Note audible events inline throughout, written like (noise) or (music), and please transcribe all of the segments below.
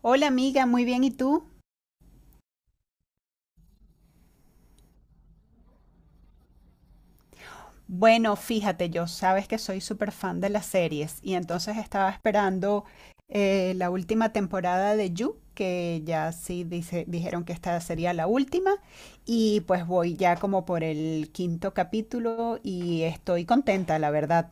Hola amiga, muy bien, ¿y tú? Bueno, fíjate, yo sabes que soy súper fan de las series y entonces estaba esperando la última temporada de You, que ya sí dijeron que esta sería la última y pues voy ya como por el quinto capítulo y estoy contenta, la verdad.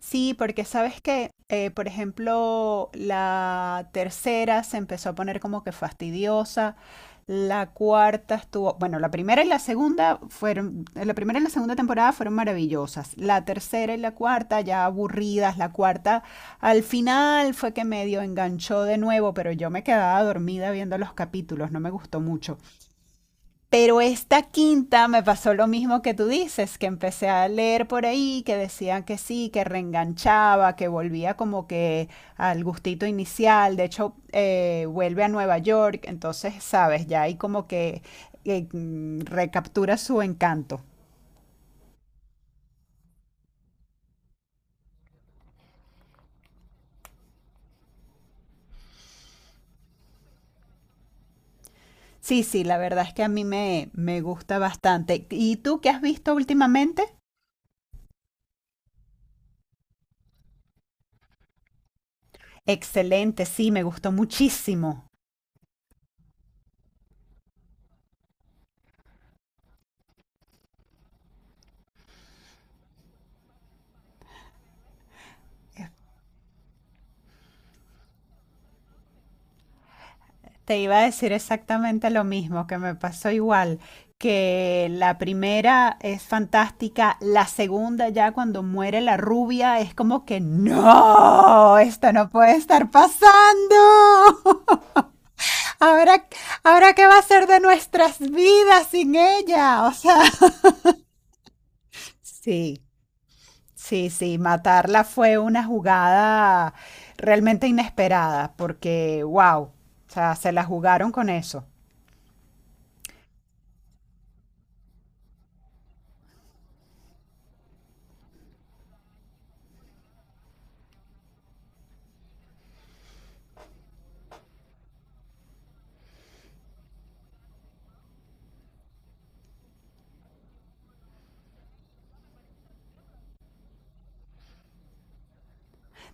Sí, porque sabes que, por ejemplo, la tercera se empezó a poner como que fastidiosa, bueno, la primera y la segunda temporada fueron maravillosas, la tercera y la cuarta ya aburridas, la cuarta al final fue que medio enganchó de nuevo, pero yo me quedaba dormida viendo los capítulos, no me gustó mucho. Pero esta quinta me pasó lo mismo que tú dices, que empecé a leer por ahí, que decían que sí, que reenganchaba, que volvía como que al gustito inicial, de hecho vuelve a Nueva York, entonces, sabes, ya ahí como que recaptura su encanto. Sí, sí, la verdad es que a mí me gusta bastante. ¿Y tú qué has visto últimamente? Excelente, sí, me gustó muchísimo. Te iba a decir exactamente lo mismo, que me pasó igual, que la primera es fantástica, la segunda ya cuando muere la rubia es como que no, esto no puede estar pasando. (laughs) Ahora, ahora qué va a ser de nuestras vidas sin ella, o sea, sí, sí, sí, matarla fue una jugada realmente inesperada, porque wow, o sea, se la jugaron con eso.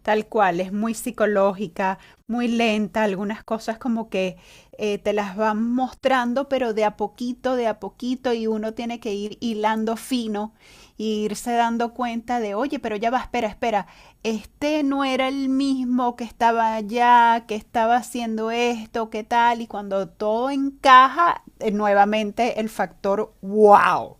Tal cual, es muy psicológica, muy lenta, algunas cosas como que te las van mostrando, pero de a poquito, y uno tiene que ir hilando fino e irse dando cuenta de, oye, pero ya va, espera, espera, este no era el mismo que estaba allá, que estaba haciendo esto, qué tal, y cuando todo encaja, nuevamente el factor wow.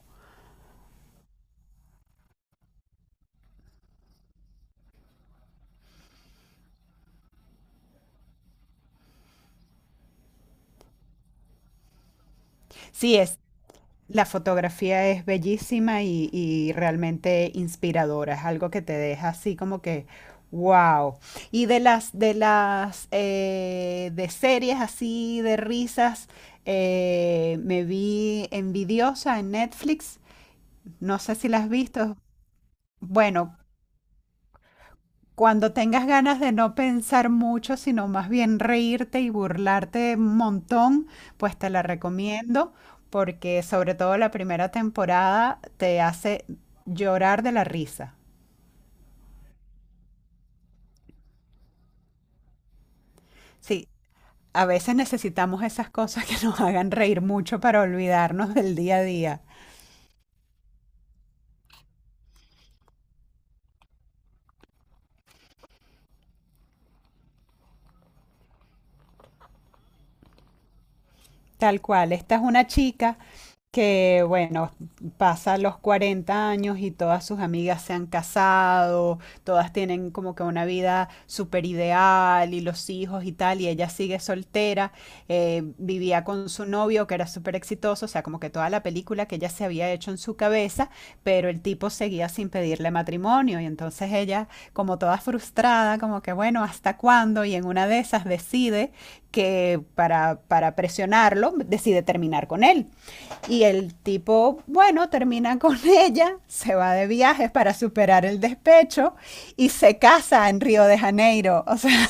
Sí, es la fotografía es bellísima y, realmente inspiradora, es algo que te deja así como que, wow. Y de series así, de risas, me vi Envidiosa en Netflix, no sé si la has visto. Bueno, cuando tengas ganas de no pensar mucho, sino más bien reírte y burlarte un montón, pues te la recomiendo porque sobre todo la primera temporada te hace llorar de la risa. Sí, a veces necesitamos esas cosas que nos hagan reír mucho para olvidarnos del día a día. Tal cual, esta es una chica que, bueno, pasa los 40 años y todas sus amigas se han casado, todas tienen como que una vida súper ideal y los hijos y tal, y ella sigue soltera, vivía con su novio que era súper exitoso, o sea, como que toda la película que ella se había hecho en su cabeza, pero el tipo seguía sin pedirle matrimonio y entonces ella como toda frustrada, como que bueno, ¿hasta cuándo? Y en una de esas decide que para presionarlo, decide terminar con él. Y el tipo, bueno, termina con (laughs) ella, se va de viajes para superar el despecho y se casa en Río de Janeiro, o sea,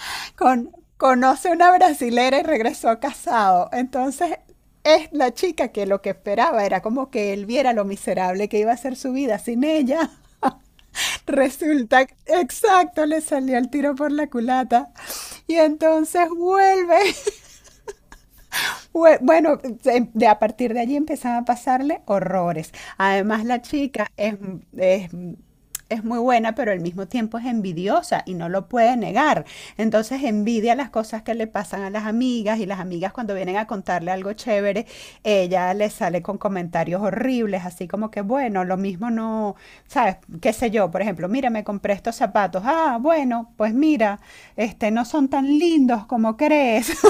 (laughs) con, conoce una brasilera y regresó casado. Entonces es la chica que lo que esperaba era como que él viera lo miserable que iba a ser su vida sin ella. Resulta, exacto, le salió el tiro por la culata. Y entonces vuelve. Bue- Bueno, de a partir de allí empezaban a pasarle horrores. Además, la chica es muy buena, pero al mismo tiempo es envidiosa y no lo puede negar. Entonces envidia las cosas que le pasan a las amigas y las amigas cuando vienen a contarle algo chévere, ella le sale con comentarios horribles, así como que, bueno, lo mismo no, ¿sabes? Qué sé yo, por ejemplo, mira, me compré estos zapatos. Ah, bueno, pues mira, este, no son tan lindos como crees. (laughs)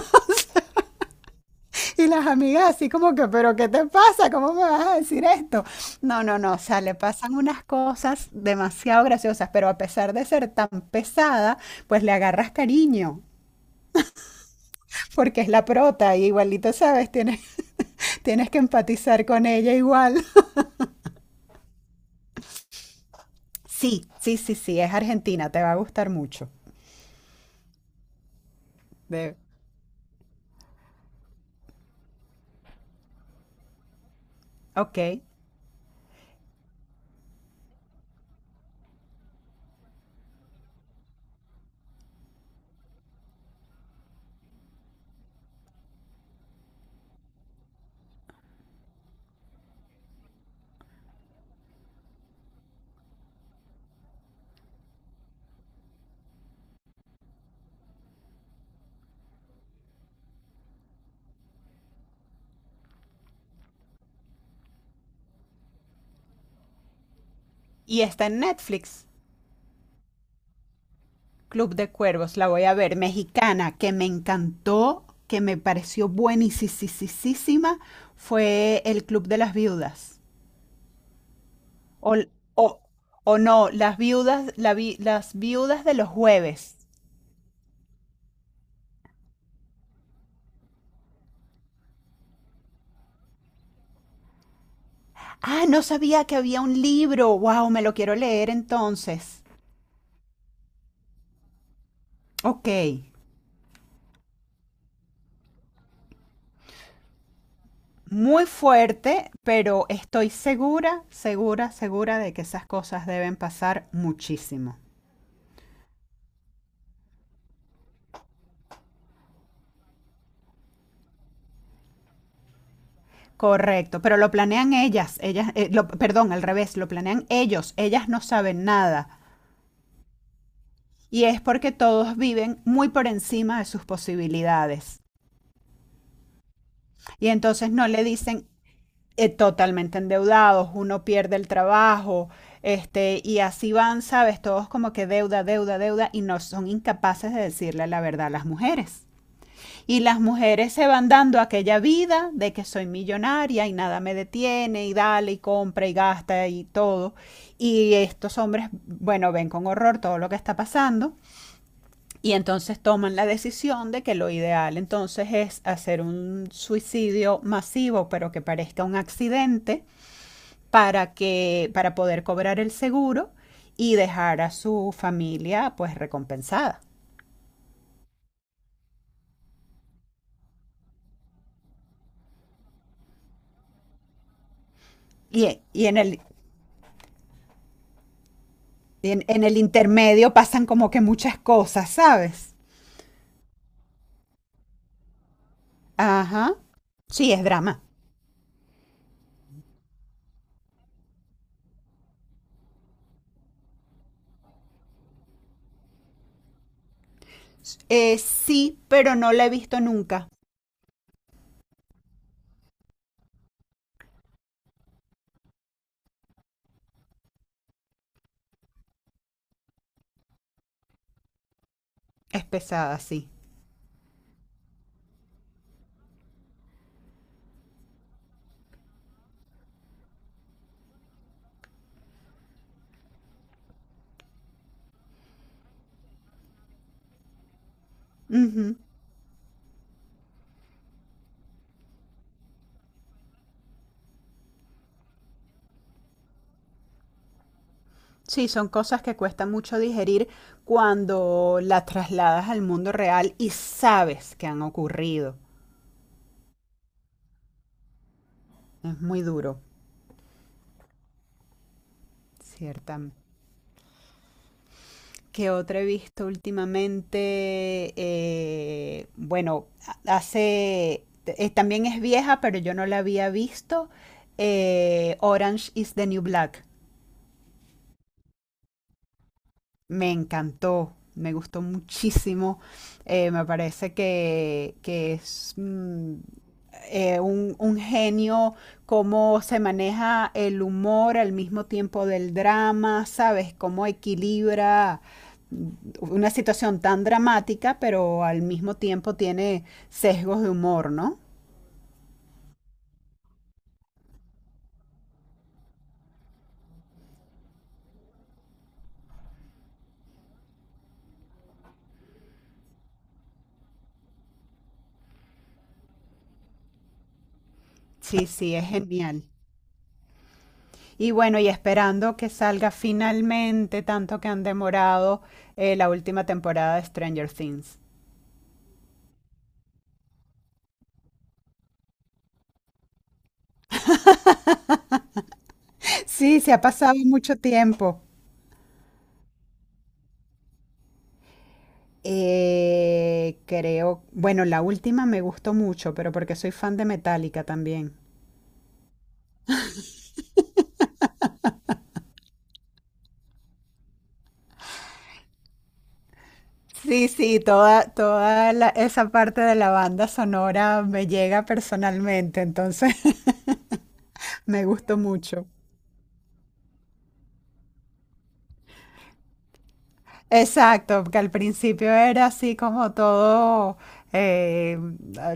Y las amigas así como que, pero ¿qué te pasa? ¿Cómo me vas a decir esto? No, no, no, o sea, le pasan unas cosas demasiado graciosas, pero a pesar de ser tan pesada, pues le agarras cariño, porque es la prota y igualito, ¿sabes? Tienes que empatizar con ella igual. Sí, sí, sí, sí, es Argentina, te va a gustar mucho. De, ok. Y está en Netflix. Club de Cuervos, la voy a ver, mexicana, que me encantó, que me pareció buenísima, fue el Club de las Viudas. O, o, o No, las viudas de los jueves. Ah, no sabía que había un libro. Wow, me lo quiero leer entonces. Ok. Muy fuerte, pero estoy segura, segura, segura de que esas cosas deben pasar muchísimo. Correcto, pero lo planean ellas, perdón, al revés, lo planean ellos, ellas no saben nada. Y es porque todos viven muy por encima de sus posibilidades. Y entonces no le dicen totalmente endeudados, uno pierde el trabajo, este, y así van, sabes, todos como que deuda, deuda, deuda, y no son incapaces de decirle la verdad a las mujeres. Y las mujeres se van dando aquella vida de que soy millonaria y nada me detiene y dale y compra y gasta y todo. Y estos hombres, bueno, ven con horror todo lo que está pasando y entonces toman la decisión de que lo ideal entonces es hacer un suicidio masivo, pero que parezca un accidente para que para poder cobrar el seguro y dejar a su familia pues recompensada. Y, y en el, en el intermedio pasan como que muchas cosas, ¿sabes? Ajá. Sí, es drama. Sí, pero no la he visto nunca. Es pesada, sí. Ujú. Sí, son cosas que cuesta mucho digerir cuando la trasladas al mundo real y sabes que han ocurrido. Es muy duro, ciertamente. Que otra he visto últimamente? Bueno, hace. También es vieja, pero yo no la había visto. Orange is the New Black. Me encantó, me gustó muchísimo. Me parece que es un genio, cómo se maneja el humor al mismo tiempo del drama, ¿sabes? Cómo equilibra una situación tan dramática, pero al mismo tiempo tiene sesgos de humor, ¿no? Sí, sí, es genial. Y bueno, y esperando que salga finalmente, tanto que han demorado la última temporada de Stranger Things. Sí, se ha pasado mucho tiempo. Creo, bueno, la última me gustó mucho, pero porque soy fan de Metallica también. Sí, sí, esa parte de la banda sonora me llega personalmente, entonces me gustó mucho. Exacto, que al principio era así eh,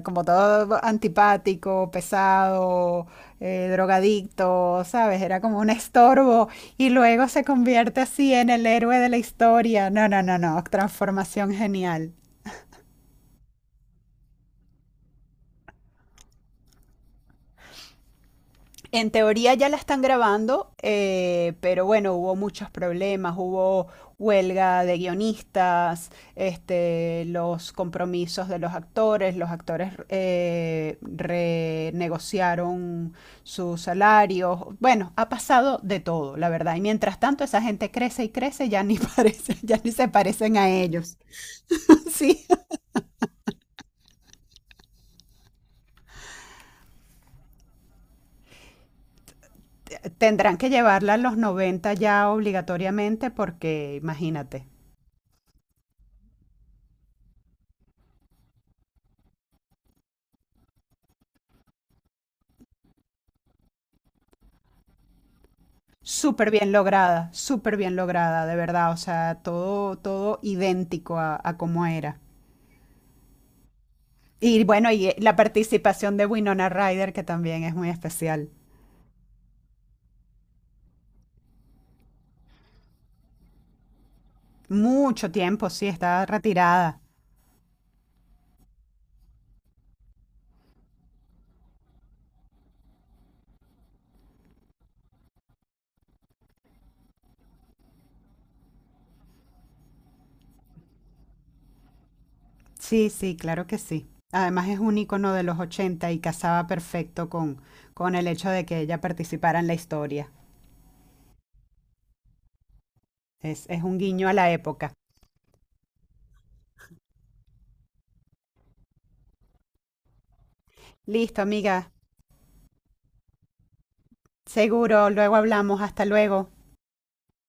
como todo antipático, pesado, drogadicto, ¿sabes? Era como un estorbo y luego se convierte así en el héroe de la historia. No, no, no, no, transformación genial. En teoría ya la están grabando, pero bueno, hubo muchos problemas, hubo huelga de guionistas, este, los compromisos de los actores, renegociaron sus salarios, bueno, ha pasado de todo, la verdad. Y mientras tanto esa gente crece y crece, ya ni (laughs) parece, ya ni se parecen a ellos. (laughs) Sí, tendrán que llevarla a los 90 ya obligatoriamente porque imagínate. Súper bien lograda, de verdad, o sea, todo idéntico a cómo era. Y bueno, y la participación de Winona Ryder, que también es muy especial. Mucho tiempo, sí, está retirada. Sí, sí, claro que sí. Además es un icono de los 80 y casaba perfecto con el hecho de que ella participara en la historia. Es un guiño a la época. Listo, amiga. Seguro, luego hablamos. Hasta luego.